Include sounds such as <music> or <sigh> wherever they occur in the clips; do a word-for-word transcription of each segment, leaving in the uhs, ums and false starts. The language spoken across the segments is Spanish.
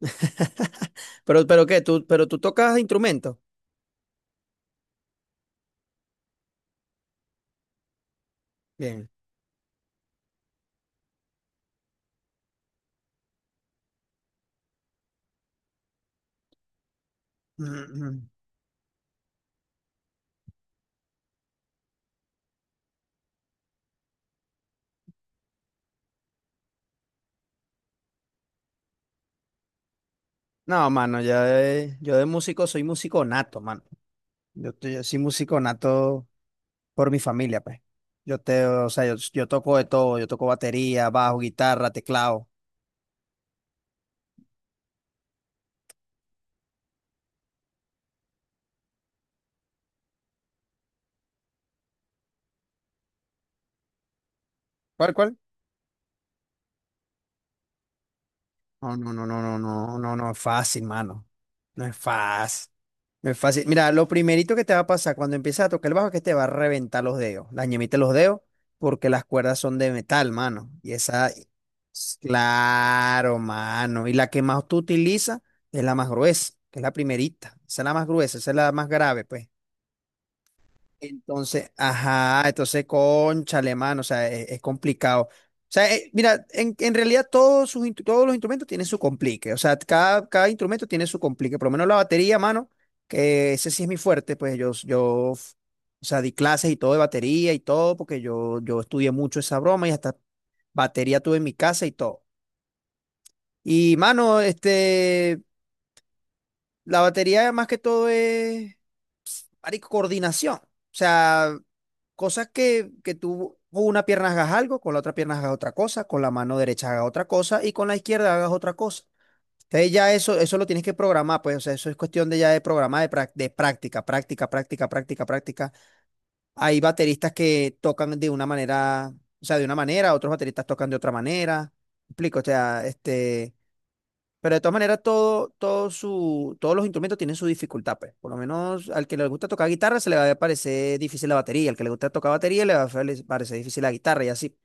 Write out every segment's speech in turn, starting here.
<laughs> Pero, pero qué, tú, pero tú tocas instrumentos. Bien. Mm, mm. No, mano, ya de- yo de músico soy músico nato, mano. Yo, te- yo soy músico nato por mi familia, pues. Yo te, o sea, yo, yo toco de todo, yo toco batería, bajo, guitarra, teclado. ¿Cuál, cuál? No, no, no, no, no, no, no, no es fácil, mano. No es fácil. No es fácil. Mira, lo primerito que te va a pasar cuando empiezas a tocar el bajo es que te va a reventar los dedos, la ñemita de los dedos, porque las cuerdas son de metal, mano. Y esa, s- claro, mano. Y la que más tú utilizas es la más gruesa, que es la primerita. Esa es la más gruesa, esa es la más grave, pues. Entonces, ajá, entonces, cónchale, mano, o sea, es, es complicado. O sea, eh, mira, en, en realidad todos, sus, instru- todos los instrumentos tienen su complique, o sea, cada, cada instrumento tiene su complique, por lo menos la batería, mano, que ese sí es mi fuerte, pues yo, yo, f- o sea, di clases y todo de batería y todo, porque yo, yo estudié mucho esa broma y hasta batería tuve en mi casa y todo. Y, mano, este, la batería más que todo es, marico, coordinación. O sea, cosas que, que tú con una pierna hagas algo, con la otra pierna hagas otra cosa, con la mano derecha hagas otra cosa y con la izquierda hagas otra cosa. Entonces ya eso, eso lo tienes que programar, pues, o sea, eso es cuestión de ya de programar, de, prac- de práctica, práctica, práctica, práctica, práctica. Hay bateristas que tocan de una manera, o sea, de una manera, otros bateristas tocan de otra manera. ¿Me explico? O sea, este. Pero de todas maneras, todo, todo su, todos los instrumentos tienen su dificultad, pues. Por lo menos al que le gusta tocar guitarra se le va a parecer difícil la batería, al que le gusta tocar batería le va a fale- parecer difícil la guitarra y así.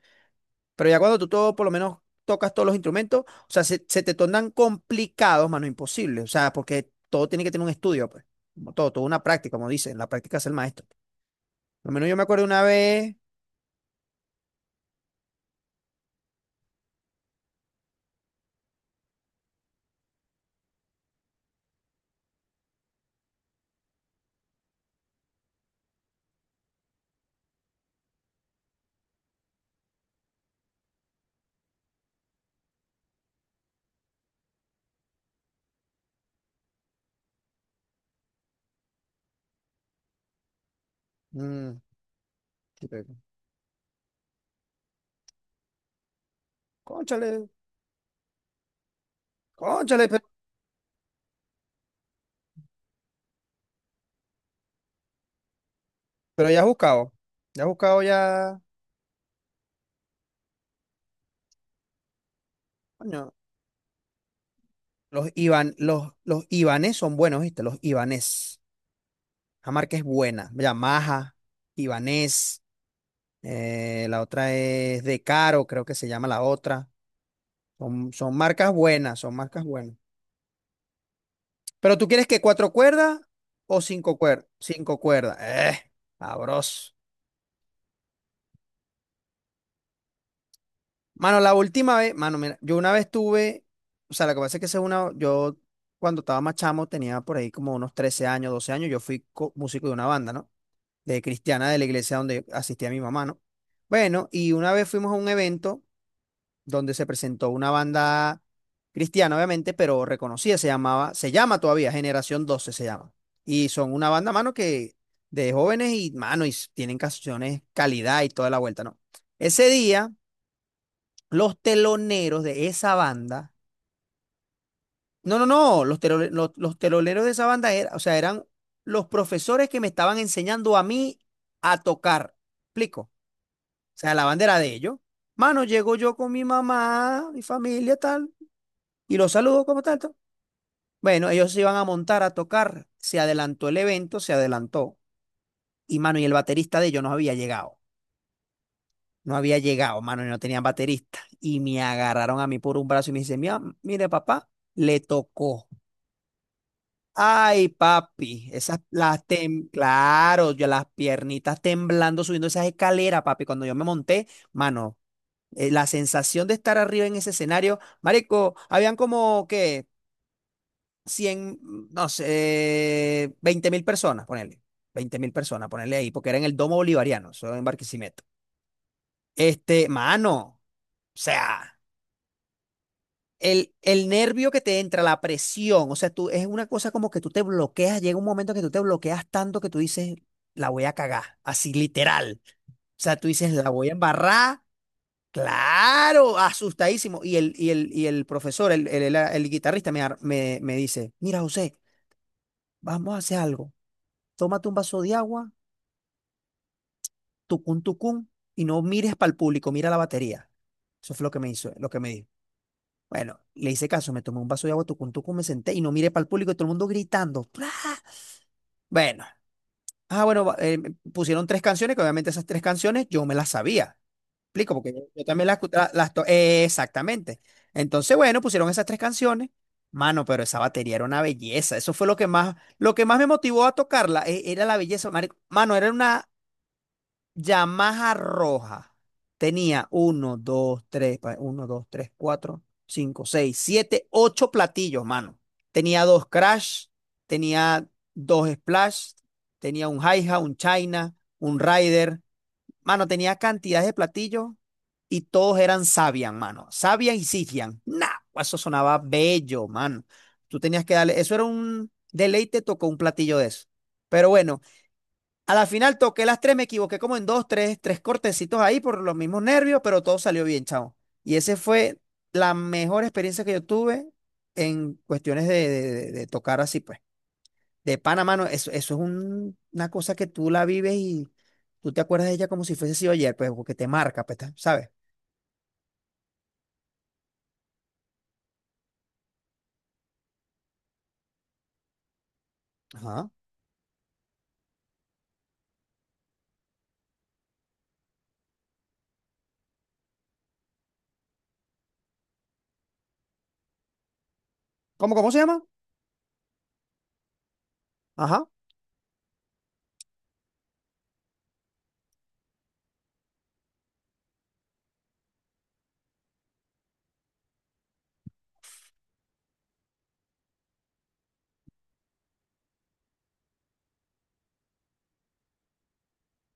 Pero ya cuando tú todo, por lo menos tocas todos los instrumentos, o sea, se, se te tornan complicados, mano, imposible. O sea, porque todo tiene que tener un estudio, pues. Como todo, toda una práctica, como dicen, la práctica es el maestro. Por lo menos yo me acuerdo una vez. mm, sí, pero- cónchale, cónchale, pero, pero ya has buscado, ya has buscado ya. Coño, Los Ivan, los, los Ibanés son buenos, ¿viste? Los Ibanés. La marca es buena. Ya Maja, Ibanés. Eh, la otra es De Caro, creo que se llama la otra. Son, son marcas buenas, son marcas buenas. Pero tú quieres que cuatro cuerdas o cinco cuerdas. Cinco cuerdas. Eh, sabroso. Mano, la última vez, mano, mira, yo una vez tuve, o sea, lo que pasa es que esa es una, yo cuando estaba más chamo tenía por ahí como unos trece años, doce años, yo fui co- músico de una banda, ¿no? De cristiana de la iglesia donde asistía mi mamá, ¿no? Bueno, y una vez fuimos a un evento donde se presentó una banda cristiana, obviamente, pero reconocida, se llamaba, se llama todavía Generación doce se llama. Y son una banda, mano, que de jóvenes y, mano, y s- tienen canciones calidad y toda la vuelta, ¿no? Ese día, los teloneros de esa banda. No, no, no, los, telo- los, los teloneros de esa banda era, o sea, eran los profesores que me estaban enseñando a mí a tocar. ¿Explico? Sea, la bandera de ellos. Mano, llego yo con mi mamá, mi familia, tal, y los saludo como tanto. Bueno, ellos se iban a montar a tocar, se adelantó el evento, se adelantó. Y mano, y el baterista de ellos no había llegado. No había llegado, mano, y no tenían baterista. Y me agarraron a mí por un brazo y me dicen, mira, mire, papá, le tocó. Ay, papi, esas las tem- claro, yo las piernitas temblando subiendo esas escaleras, papi. Cuando yo me monté, mano, eh, la sensación de estar arriba en ese escenario, marico, habían como que cien, no sé, eh, veinte mil personas, ponele, veinte mil personas, ponele ahí, porque era en el Domo Bolivariano, eso en Barquisimeto. Este, mano, o sea, el, el nervio que te entra, la presión, o sea, tú, es una cosa como que tú te bloqueas, llega un momento que tú te bloqueas tanto que tú dices, la voy a cagar, así literal. O sea, tú dices, la voy a embarrar. Claro, asustadísimo. Y el, y el, y el profesor, el, el- el- el guitarrista, me, ar- me, me dice, mira, José, vamos a hacer algo. Tómate un vaso de agua, tucún, tucún, y no mires para el público, mira la batería. Eso fue lo que me hizo, lo que me dijo. Bueno, le hice caso, me tomé un vaso de agua, tucún, tucún, me senté y no miré para el público y todo el mundo gritando. ¡Pra! Bueno, ah, bueno, va- eh, pusieron tres canciones, que obviamente esas tres canciones yo me las sabía. Explico, porque yo, yo también las, escu- la- las to- eh, exactamente. Entonces, bueno, pusieron esas tres canciones. Mano, pero esa batería era una belleza. Eso fue lo que más, lo que más me motivó a tocarla, e- era la belleza. Marico. Mano, era una Yamaha roja. Tenía uno, dos, tres, pa- uno, dos, tres, cuatro, cinco, seis, siete, ocho platillos, mano. Tenía dos crash, tenía dos splash, tenía un hi-hat, un China, un rider. Mano, tenía cantidades de platillos y todos eran Sabian, mano. Sabian y Sifian. Nah, eso sonaba bello, mano. Tú tenías que darle, eso era un deleite, tocó un platillo de eso. Pero bueno, a la final toqué las tres, me equivoqué como en dos, tres, tres cortecitos ahí por los mismos nervios, pero todo salió bien, chao. Y esa fue la mejor experiencia que yo tuve en cuestiones de, de de- de tocar así, pues. De Panamá, no, eso, eso es un- una cosa que tú la vives y tú te acuerdas de ella como si fuese sido ayer, pues, porque te marca, pues, ta- ¿sabes? Ajá. ¿Cómo, cómo se llama? Ajá.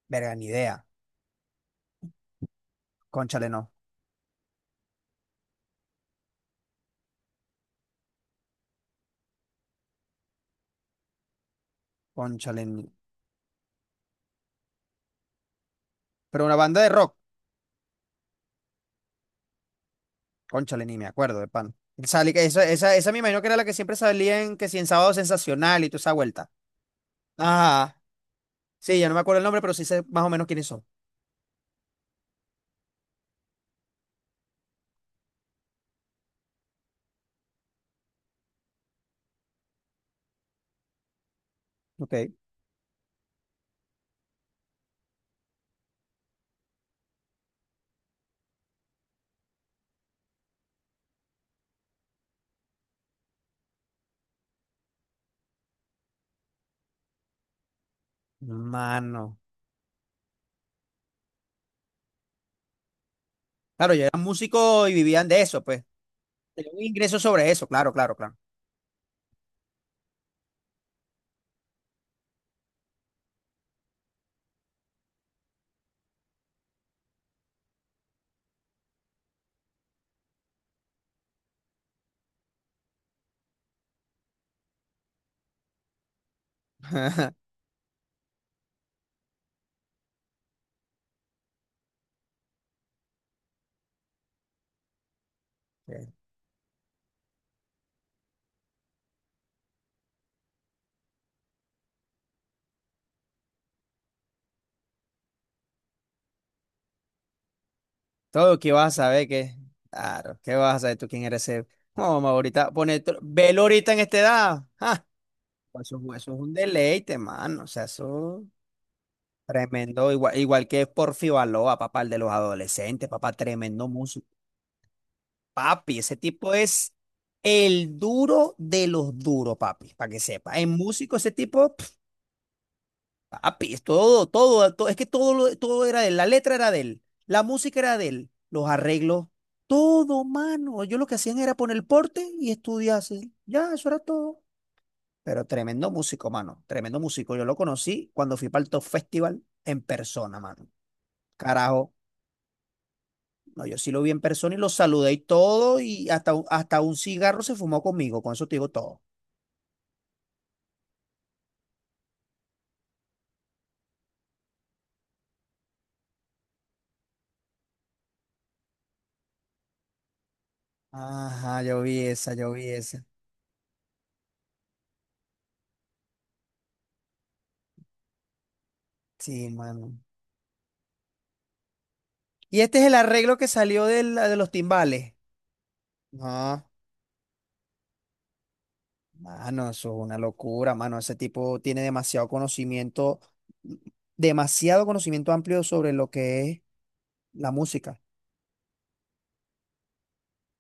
Verga, ni idea. Cónchale, no. Cónchale, ni. Pero una banda de rock. Cónchale, ni me acuerdo de pan. Salí, que esa, esa, esa me imagino que era la que siempre salía en que si en Sábado Sensacional y toda esa vuelta. Ajá. Sí, ya no me acuerdo el nombre, pero sí sé más o menos quiénes son. Ok. Mano. Claro, yo era músico y vivían de eso, pues. Tenía un ingreso sobre eso, claro, claro, claro. Todo que vas a saber que, claro, ¿qué vas a saber tú quién eres ese? No, mamá, ahorita, pone, tro- velo ahorita en esta edad. Ah, pues Eso, eso es un deleite, mano. O sea, eso tremendo. Igual, igual que Porfi Baloa, papá, el de los adolescentes, papá, tremendo músico. Papi, ese tipo es el duro de los duros, papi, para que sepa. En músico, ese tipo. Papi, es todo, todo, todo, es que todo, lo- todo era de él, la letra era de él, la música era de él, los arreglos, todo, mano. Yo lo que hacían era poner el porte y estudiarse. Ya, eso era todo. Pero tremendo músico, mano, tremendo músico. Yo lo conocí cuando fui para el Top Festival en persona, mano. Carajo, no, yo sí lo vi en persona y lo saludé y todo, y hasta, un- hasta un cigarro se fumó conmigo, con eso te digo todo. Ajá, yo vi esa, yo vi esa. Sí, mano. Y este es el arreglo que salió de, la- de los timbales. No, mano, eso es una locura, mano. Ese tipo tiene demasiado conocimiento, demasiado conocimiento amplio sobre lo que es la música.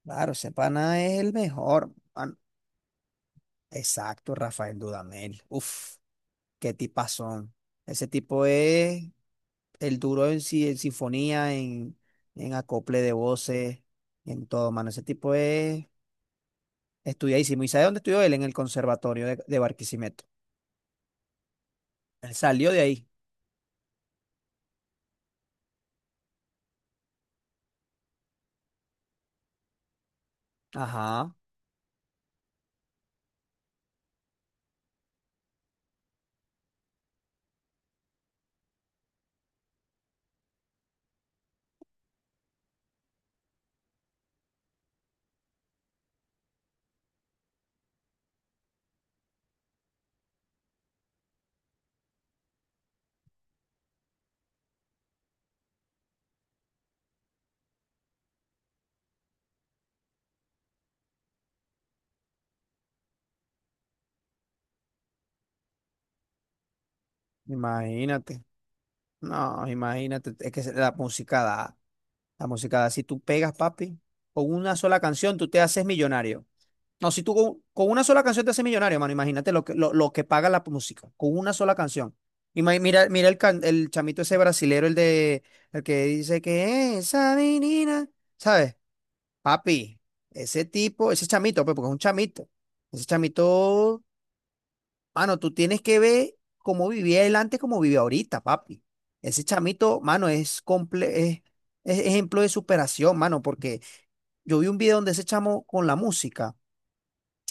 Claro, ese pana es el mejor, mano. Exacto, Rafael Dudamel. Uf, qué tipazón. Ese tipo es el duro en, si- en sinfonía, en, en acople de voces, en todo, mano. Ese tipo es estudiadísimo. ¿Y sabe dónde estudió él? En el conservatorio de, de Barquisimeto. Él salió de ahí. Ajá. Imagínate, no, imagínate, es que la música da, la música da, si tú pegas, papi, con una sola canción tú te haces millonario. No, si tú con, con una sola canción te haces millonario, mano, imagínate lo que, lo, lo que paga la música, con una sola canción. Ima- mira, mira el, can- el chamito ese brasilero, el de, el que dice que esa menina, ¿sabes? Papi, ese tipo, ese chamito, pues, porque es un chamito, ese chamito. Mano, tú tienes que ver cómo vivía él antes, cómo vive ahorita, papi. Ese chamito, mano, es, comple es, es ejemplo de superación, mano, porque yo vi un video donde ese chamo con la música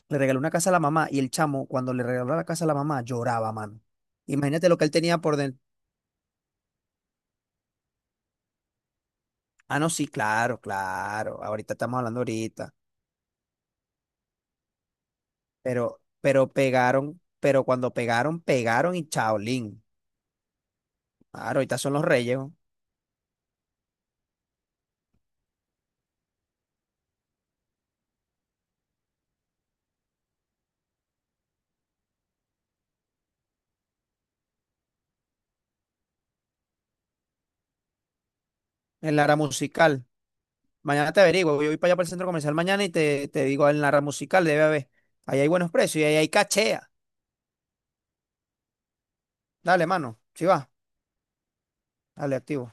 le regaló una casa a la mamá y el chamo, cuando le regaló la casa a la mamá, lloraba, mano. Imagínate lo que él tenía por dentro. Ah, no, sí, claro, claro. Ahorita estamos hablando ahorita. Pero, pero pegaron, pero cuando pegaron, pegaron y chaolín. Claro, ahorita son los reyes, ¿no? En la era musical. Mañana te averiguo. Yo voy para allá para el centro comercial mañana y te, te digo en la rama musical, debe haber. Ahí hay buenos precios y ahí hay cachea. Dale, mano. Si va. Dale, activo.